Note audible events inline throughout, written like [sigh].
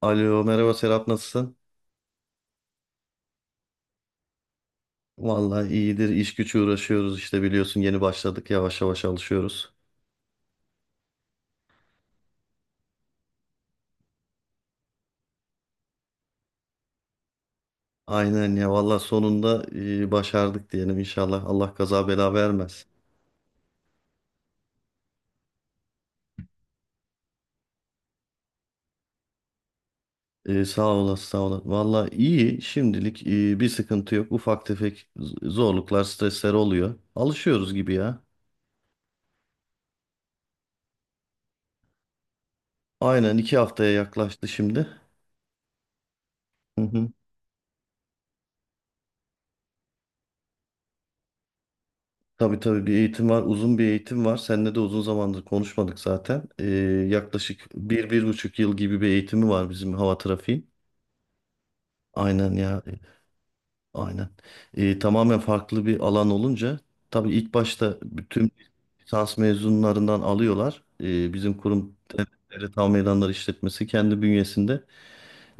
Alo merhaba Serap, nasılsın? Vallahi iyidir, iş güç uğraşıyoruz işte biliyorsun, yeni başladık, yavaş yavaş alışıyoruz. Aynen ya, vallahi sonunda başardık diyelim, inşallah Allah kaza bela vermez. Sağ olasın, sağ olasın. Vallahi iyi şimdilik, bir sıkıntı yok, ufak tefek zorluklar, stresler oluyor. Alışıyoruz gibi ya. Aynen, 2 haftaya yaklaştı şimdi. [laughs] Tabii tabii, bir eğitim var. Uzun bir eğitim var. Seninle de uzun zamandır konuşmadık zaten. Yaklaşık 1,5 yıl gibi bir eğitimi var bizim, hava trafiği. Aynen ya. Aynen. Tamamen farklı bir alan olunca tabii ilk başta bütün lisans mezunlarından alıyorlar. Bizim kurum Devlet Hava Meydanları İşletmesi kendi bünyesinde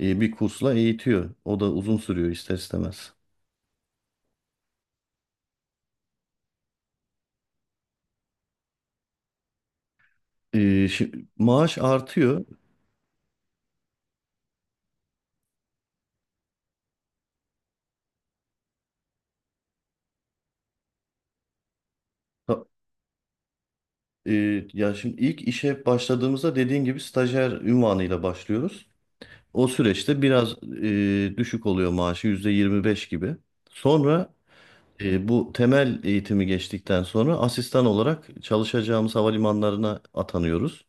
bir kursla eğitiyor. O da uzun sürüyor ister istemez. Ee, Maaş artıyor. Ya şimdi ilk işe başladığımızda, dediğin gibi stajyer ünvanıyla başlıyoruz. O süreçte biraz düşük oluyor maaşı, %25 gibi. Sonra bu temel eğitimi geçtikten sonra asistan olarak çalışacağımız havalimanlarına atanıyoruz.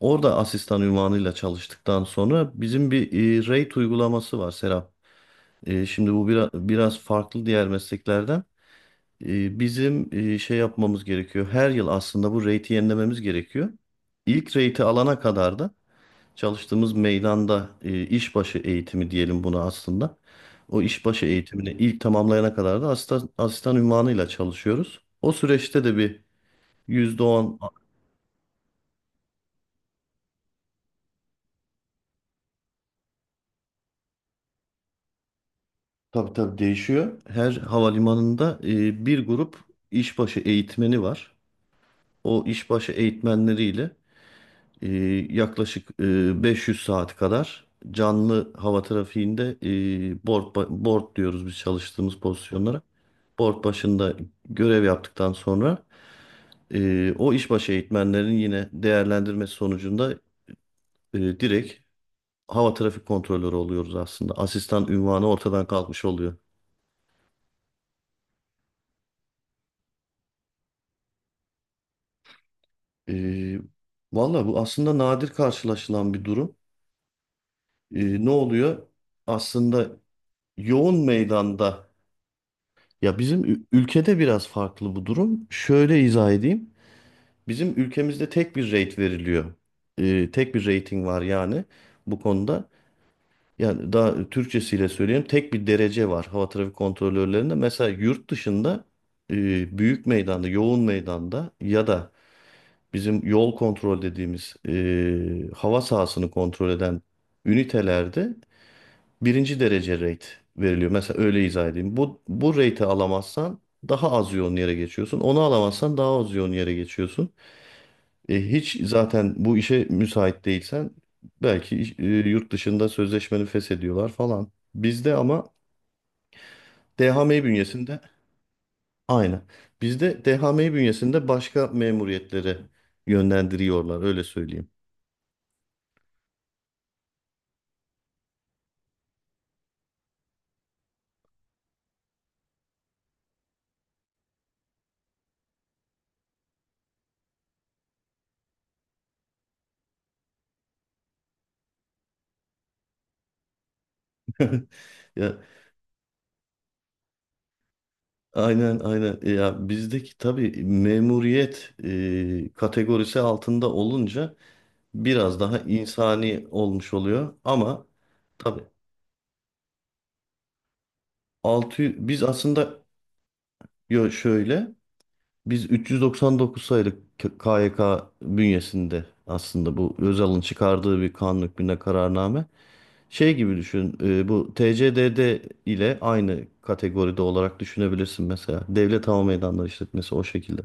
Orada asistan ünvanıyla çalıştıktan sonra bizim bir rate uygulaması var Serap. Şimdi bu biraz farklı diğer mesleklerden. Bizim şey yapmamız gerekiyor. Her yıl aslında bu rate'i yenilememiz gerekiyor. İlk rate'i alana kadar da çalıştığımız meydanda işbaşı eğitimi diyelim buna aslında. O işbaşı eğitimini ilk tamamlayana kadar da asistan, asistan unvanıyla çalışıyoruz. O süreçte de bir %10. Tabii tabii, değişiyor. Her havalimanında bir grup işbaşı eğitmeni var. O işbaşı eğitmenleriyle e, yaklaşık 500 saat kadar canlı hava trafiğinde board, board diyoruz biz çalıştığımız pozisyonlara. Board başında görev yaptıktan sonra o işbaşı eğitmenlerin yine değerlendirmesi sonucunda direkt hava trafik kontrolörü oluyoruz aslında. Asistan ünvanı ortadan kalkmış oluyor. E, Valla bu aslında nadir karşılaşılan bir durum. Ne oluyor? Aslında yoğun meydanda. Ya bizim ülkede biraz farklı bu durum. Şöyle izah edeyim. Bizim ülkemizde tek bir rate veriliyor. Tek bir rating var yani bu konuda. Yani daha Türkçesiyle söyleyeyim, tek bir derece var hava trafik kontrolörlerinde. Mesela yurt dışında büyük meydanda, yoğun meydanda ya da bizim yol kontrol dediğimiz hava sahasını kontrol eden ünitelerde birinci derece rate veriliyor. Mesela öyle izah edeyim. Bu rate'i alamazsan daha az yoğun yere geçiyorsun. Onu alamazsan daha az yoğun yere geçiyorsun. Hiç zaten bu işe müsait değilsen belki yurt dışında sözleşmeni feshediyorlar falan. Bizde ama DHM bünyesinde. Aynen. Bizde DHMİ bünyesinde başka memuriyetlere yönlendiriyorlar, öyle söyleyeyim. [laughs] Ya aynen aynen. Ya bizdeki tabii memuriyet kategorisi altında olunca biraz daha insani olmuş oluyor ama tabii altı biz aslında yo şöyle. Biz 399 sayılı KYK bünyesinde aslında, bu Özal'ın çıkardığı bir kanun hükmünde kararname şey gibi düşün. Bu TCDD ile aynı kategoride olarak düşünebilirsin mesela. Devlet Hava Meydanları işletmesi o şekilde.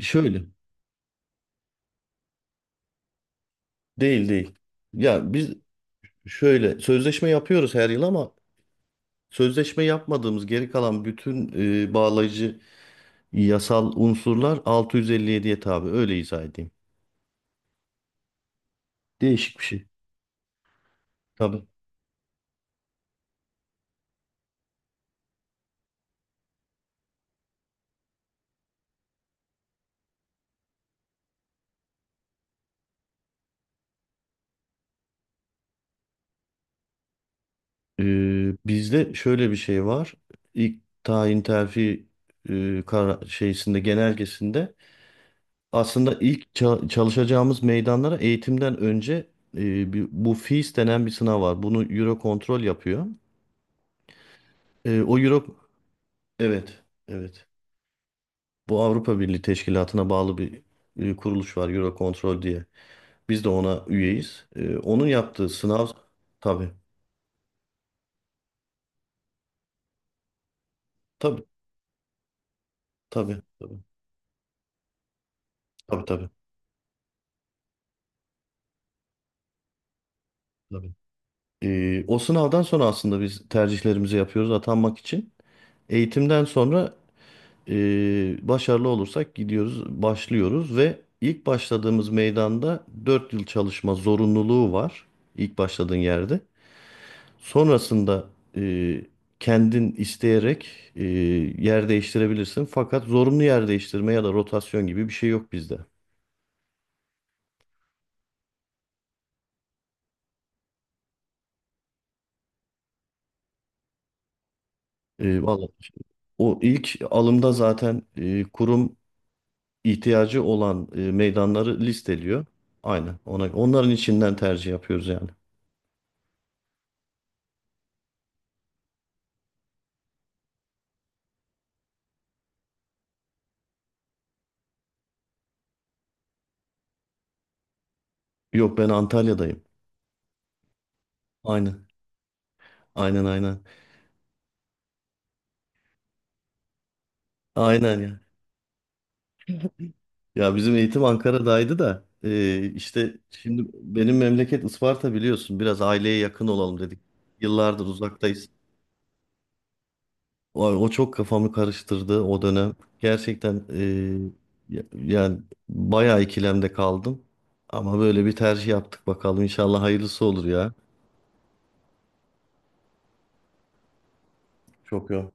Şöyle değil değil. Ya biz şöyle sözleşme yapıyoruz her yıl ama sözleşme yapmadığımız geri kalan bütün bağlayıcı yasal unsurlar 657'ye tabi, öyle izah edeyim. Değişik bir şey. Tabii. Bizde şöyle bir şey var. İlk tayin terfi şeysinde, genelgesinde aslında ilk çalışacağımız meydanlara eğitimden önce bu FIS denen bir sınav var. Bunu Eurocontrol yapıyor. O Euro, evet evet. Bu Avrupa Birliği Teşkilatı'na bağlı bir kuruluş var Eurocontrol diye. Biz de ona üyeyiz. Onun yaptığı sınav, tabii tabii tabii tabii tabii tabii. Tabii. O sınavdan sonra aslında biz tercihlerimizi yapıyoruz atanmak için. Eğitimden sonra başarılı olursak gidiyoruz, başlıyoruz ve ilk başladığımız meydanda 4 yıl çalışma zorunluluğu var, ilk başladığın yerde. Sonrasında e, kendin isteyerek e, yer değiştirebilirsin. Fakat zorunlu yer değiştirme ya da rotasyon gibi bir şey yok bizde. Vallahi o ilk alımda zaten kurum ihtiyacı olan meydanları listeliyor. Aynen. Onların içinden tercih yapıyoruz yani. Yok, ben Antalya'dayım. Aynen. Aynen aynen. Aynen ya. Ya bizim eğitim Ankara'daydı da işte şimdi benim memleket Isparta biliyorsun. Biraz aileye yakın olalım dedik. Yıllardır uzaktayız. Vay, o çok kafamı karıştırdı o dönem. Gerçekten yani bayağı ikilemde kaldım. Ama böyle bir tercih yaptık bakalım. İnşallah hayırlısı olur ya. Çok yok.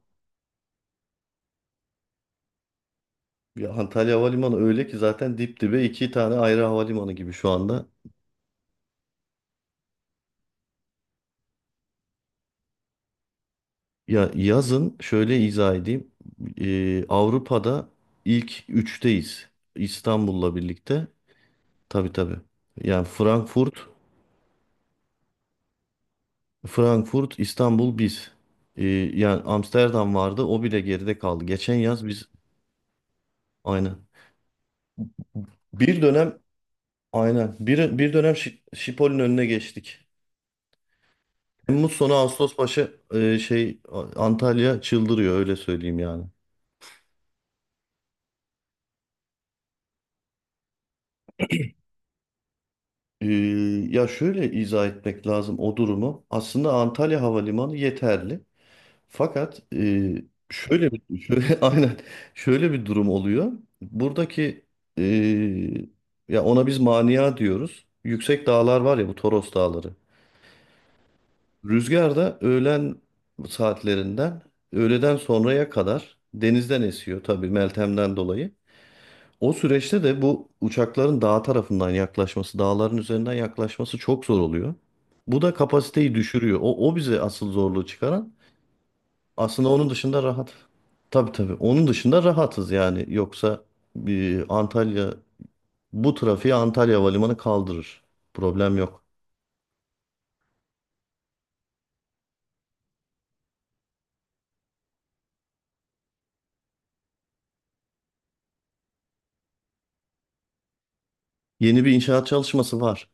Ya Antalya Havalimanı öyle ki zaten dip dibe iki tane ayrı havalimanı gibi şu anda. Ya yazın şöyle izah edeyim. Avrupa'da ilk üçteyiz. İstanbul'la birlikte. Tabii tabii. Yani Frankfurt. Frankfurt, İstanbul, biz. Ee, Yani Amsterdam vardı. O bile geride kaldı. Geçen yaz biz aynen. Bir dönem aynen. Bir dönem Şipol'ün önüne geçtik. Temmuz sonu Ağustos başı şey Antalya çıldırıyor, öyle söyleyeyim yani. Ee, Ya şöyle izah etmek lazım o durumu. Aslında Antalya Havalimanı yeterli. Fakat şöyle bir [laughs] şöyle, aynen şöyle bir durum oluyor. Buradaki e, ya ona biz mania diyoruz. Yüksek dağlar var ya, bu Toros Dağları. Rüzgar da öğlen saatlerinden öğleden sonraya kadar denizden esiyor, tabii Meltem'den dolayı. O süreçte de bu uçakların dağ tarafından yaklaşması, dağların üzerinden yaklaşması çok zor oluyor. Bu da kapasiteyi düşürüyor. O bize asıl zorluğu çıkaran. Aslında onun dışında rahat. Tabii tabii. Onun dışında rahatız yani. Yoksa bir Antalya, bu trafiği Antalya Havalimanı kaldırır. Problem yok. Yeni bir inşaat çalışması var.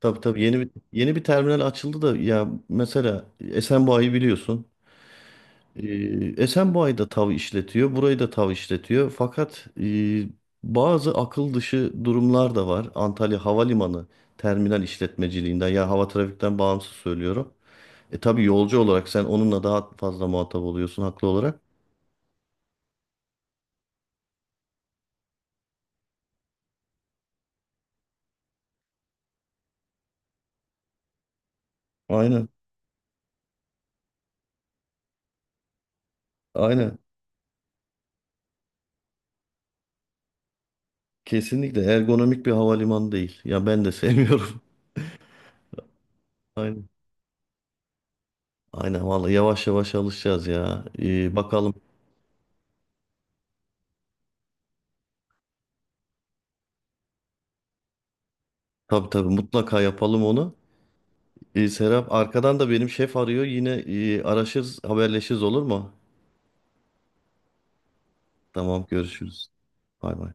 Tabii tabii. Yeni bir terminal açıldı da, ya mesela Esenboğa'yı biliyorsun. Ee, Esenboğa'yı da TAV işletiyor. Burayı da TAV işletiyor. Fakat bazı akıl dışı durumlar da var. Antalya Havalimanı terminal işletmeciliğinden, ya hava trafikten bağımsız söylüyorum. Tabii yolcu olarak sen onunla daha fazla muhatap oluyorsun haklı olarak. Aynen. Aynen. Kesinlikle ergonomik bir havalimanı değil. Ya ben de sevmiyorum. [laughs] Aynen. Aynen vallahi yavaş yavaş alışacağız ya. Bakalım. Tabii tabii mutlaka yapalım onu. Serap arkadan da benim şef arıyor. Yine araşırız, haberleşiriz, olur mu? Tamam görüşürüz. Bay bay.